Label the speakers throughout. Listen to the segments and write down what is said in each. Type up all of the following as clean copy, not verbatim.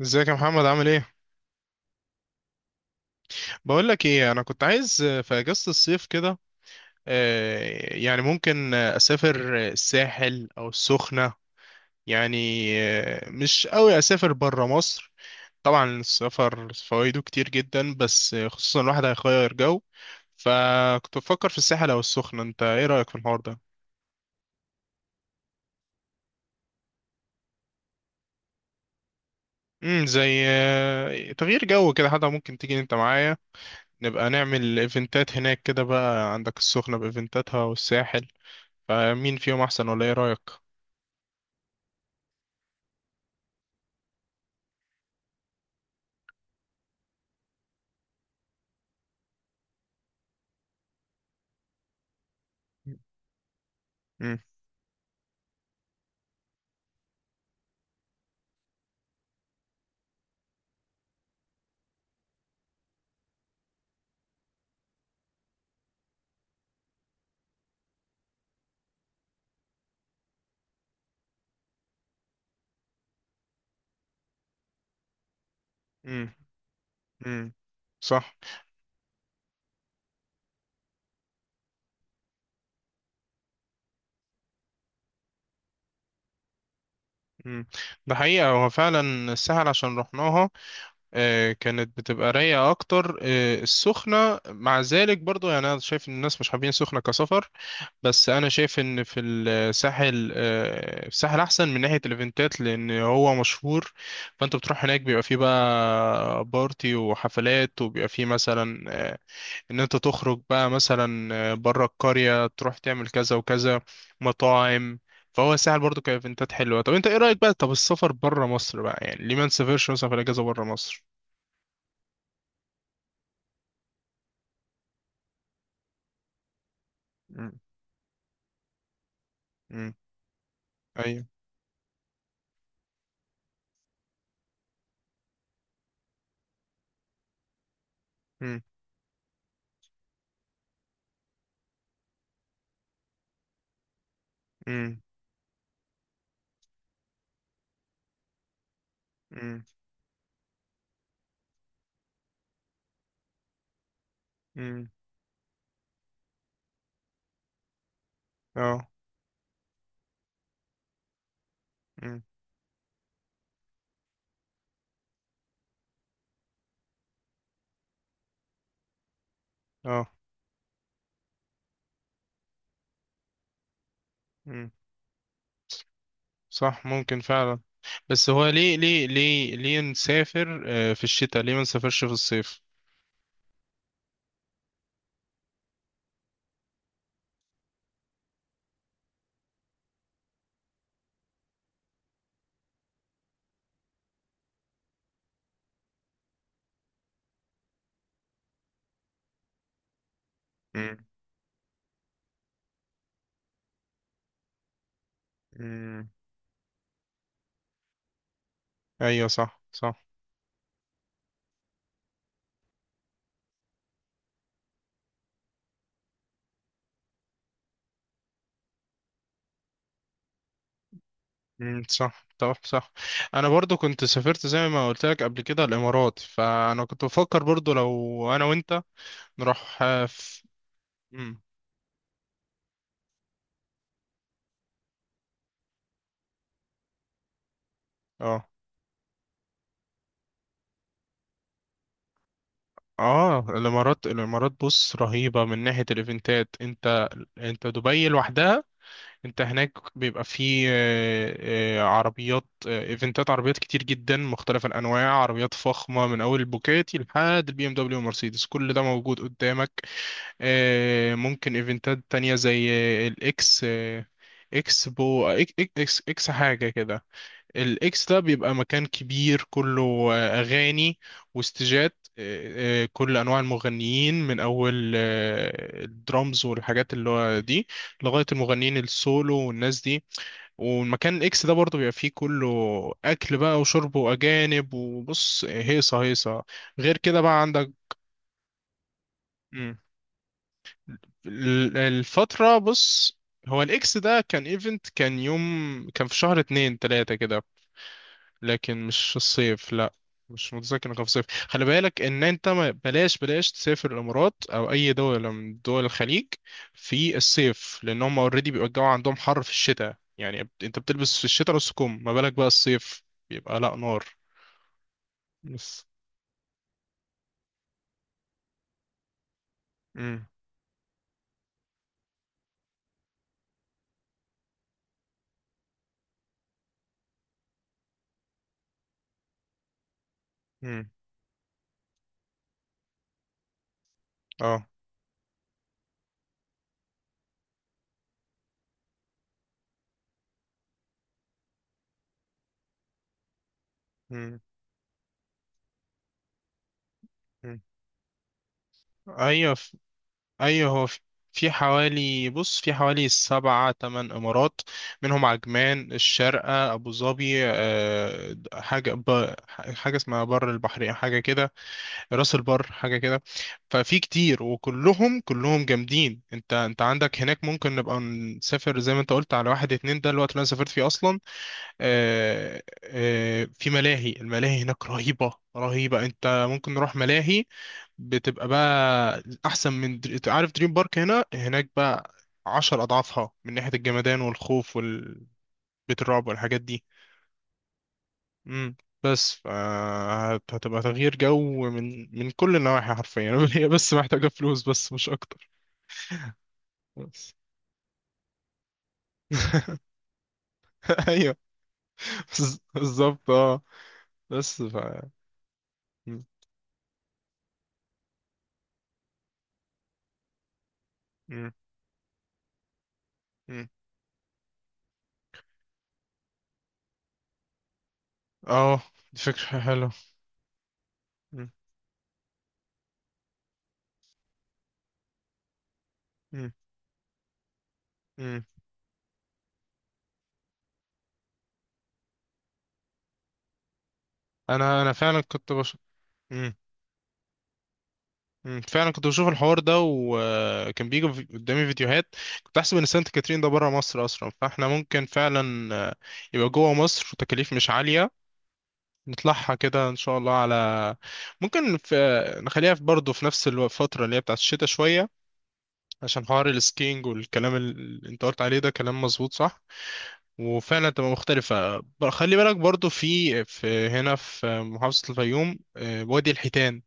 Speaker 1: ازيك يا محمد، عامل ايه؟ بقول لك ايه، انا كنت عايز في اجازة الصيف كده. يعني ممكن اسافر الساحل او السخنة. يعني. مش قوي اسافر برا مصر. طبعا السفر فوائده كتير جدا، بس خصوصا الواحد هيغير جو. فكنت بفكر في الساحل او السخنة. انت ايه رأيك في الحوار ده؟ زي تغيير جو كده، حتى ممكن تيجي انت معايا، نبقى نعمل ايفنتات هناك كده. بقى عندك السخنة بايفنتاتها والساحل، فمين فيهم احسن؟ ولا ايه رايك؟ امم. امم. امم، صح. امم. ده حقيقة هو فعلا السهل عشان رحناها. كانت بتبقى رايقة أكتر، السخنة مع ذلك برضو، يعني أنا شايف إن الناس مش حابين السخنة كسفر. بس أنا شايف إن في الساحل، الساحل أحسن من ناحية الإيفنتات لأن هو مشهور. فأنت بتروح هناك بيبقى فيه بقى بارتي وحفلات، وبيبقى فيه مثلا ان انت تخرج بقى مثلا بره القرية، تروح تعمل كذا وكذا، مطاعم. فهو الساحل برضو كايفنتات حلوة. طب انت ايه رأيك بقى؟ طب السفر بره مصر بقى، يعني ليه ما نسافرش مثلا في الاجازة بره مصر؟ مم. امم. ايوه. امم. امم. امم. امم. اه. امم. اه. امم، صح، ممكن فعلا. بس هو ليه نسافر في الشتاء؟ ليه ما نسافرش في الصيف؟ امم. امم. ايوه، صح، صح. امم، صح. طب، صح. انا برضو كنت سافرت، زي ما قلت لك قبل كده، الامارات. فانا كنت بفكر برضو لو انا وانت نروح في. امم. اه. اه. الامارات الامارات، بص، رهيبه من ناحيه الايفنتات. انت دبي لوحدها. انت هناك بيبقى فيه عربيات، ايفنتات، عربيات كتير جدا مختلف الانواع، عربيات فخمه من اول البوكاتي لحد BMW ومرسيدس، كل ده موجود قدامك. ممكن ايفنتات تانية زي الاكس، اكس بو إك- إك- اكس اكس حاجة كده. الاكس ده بيبقى مكان كبير كله. اغاني، واستيجات، كل انواع المغنيين من اول الدرامز والحاجات اللي هو دي، لغاية المغنيين السولو والناس دي. والمكان الاكس ده برضه بيبقى فيه كله، اكل بقى وشرب واجانب، وبص هيصة هيصة. غير كده بقى عندك. الفترة، بص، هو الاكس ده كان ايفنت، كان يوم، كان في شهر اتنين تلاتة كده، لكن مش الصيف، لا. مش متذكر انه كان في الصيف. خلي بالك ان انت، بلاش بلاش تسافر الامارات او اي دولة من دول الخليج في الصيف، لان هم اوريدي بيبقى الجو عندهم حر في الشتاء، يعني انت بتلبس في الشتاء نص كم، ما بالك بقى الصيف؟ بيبقى لا نار. بس. امم. امم. اه. امم. ايوه. ايوه، هو في حوالي، بص، في حوالي سبعة تمن امارات، منهم عجمان، الشارقة، ابو ظبي، حاجة حاجة اسمها بر البحرية، حاجة كده، راس البر حاجة كده. ففي كتير وكلهم كلهم جامدين. انت عندك هناك، ممكن نبقى نسافر زي ما انت قلت على واحد اتنين، ده الوقت اللي انا سافرت فيه اصلا. في ملاهي. الملاهي هناك رهيبة رهيبة، انت ممكن نروح ملاهي، بتبقى بقى احسن من انت عارف دريم بارك هنا. هناك بقى 10 اضعافها من ناحية الجمدان والخوف، والبيت الرعب والحاجات دي. امم. بس هتبقى تغيير جو من كل النواحي حرفيا. هي بس محتاجة فلوس، بس مش اكتر. بس. ايوه، بالظبط. اه، بس مم. مم. مم. اه، دي فكرة حلوة. مم. مم. انا فعلا كنت مم. مم. فعلا كنت بشوف الحوار ده، وكان بيجي قدامي فيديوهات. كنت احسب ان سانت كاترين ده بره مصر اصلا، فاحنا ممكن فعلا يبقى جوه مصر وتكاليف مش عالية. نطلعها كده ان شاء الله على، ممكن نخليها في برضه في نفس الفترة اللي هي بتاعت الشتاء شوية، عشان حوار السكينج. والكلام اللي انت قلت عليه ده كلام مظبوط، صح. وفعلا تبقى مختلفة. خلي بالك برضو في هنا في محافظة الفيوم، وادي الحيتان،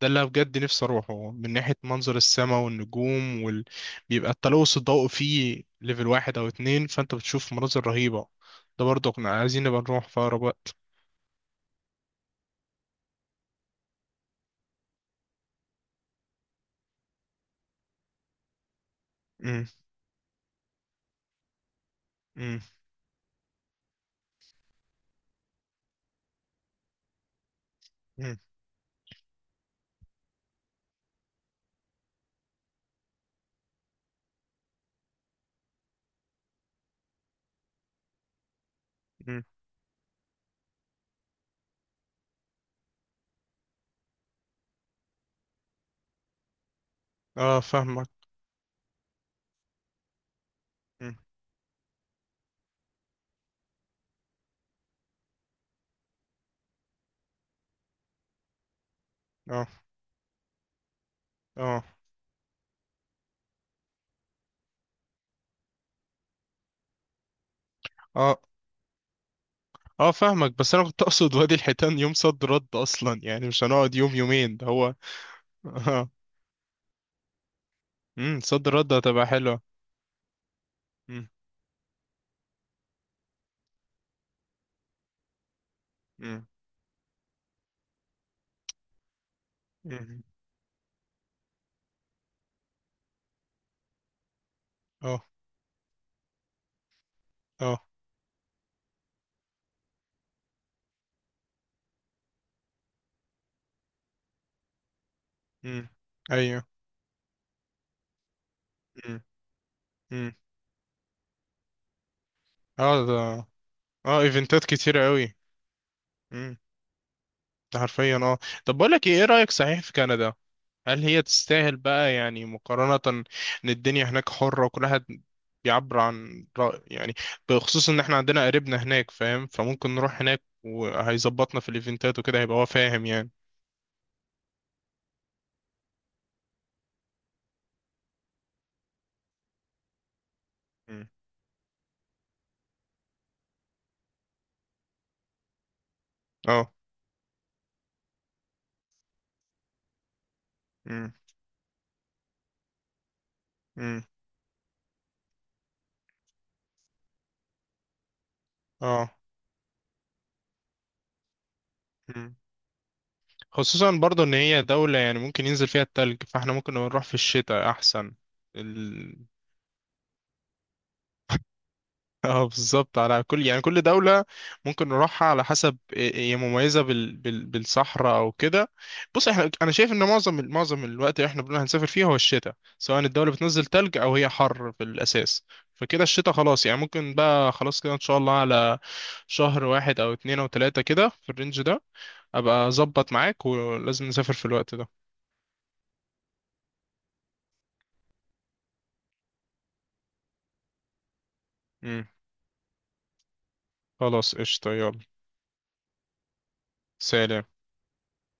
Speaker 1: ده اللي أنا بجد نفسي أروحه من ناحية منظر السماء والنجوم بيبقى التلوث الضوء فيه ليفل واحد أو اتنين، فأنت بتشوف مناظر رهيبة. ده برضو كنا عايزين نبقى نروح في أقرب وقت. مم. مم. مم. مم. اه، فاهمك. مم. اه. اه. اه. اه، فاهمك. بس أنا كنت أقصد وادي الحيتان يوم صد رد أصلا، يعني مش هنقعد يوم يومين، ده هو. امم، صد رد هتبقى حلوة. امم. امم. امم. اه. اه. امم. ايوه. امم. امم. اه، ده. اه، ايفنتات كتيرة قوي. امم، ده حرفيا. اه. طب بقول لك ايه، إيه رأيك صحيح في كندا؟ هل هي تستاهل بقى يعني؟ مقارنة ان الدنيا هناك حرة وكل واحد بيعبر عن رأي، يعني بخصوص ان احنا عندنا قريبنا هناك، فاهم؟ فممكن نروح هناك وهيظبطنا في الايفنتات وكده، هيبقى هو فاهم يعني. امم. اه. امم. امم. اه، خصوصا برضو ان هي دولة يعني ممكن ينزل فيها التلج، فاحنا ممكن نروح في الشتاء احسن. ال... اه، بالظبط. على كل يعني، كل دولة ممكن نروحها على حسب هي مميزة بالصحراء او كده. بص احنا، انا شايف ان معظم الوقت اللي احنا بنقول هنسافر فيه هو الشتاء، سواء الدولة بتنزل تلج او هي حر في الاساس. فكده الشتاء خلاص يعني. ممكن بقى خلاص كده ان شاء الله على شهر واحد او اتنين او تلاتة كده، في الرينج ده. ابقى اظبط معاك، ولازم نسافر في الوقت ده. خلاص، قشطة، يلا. سلام.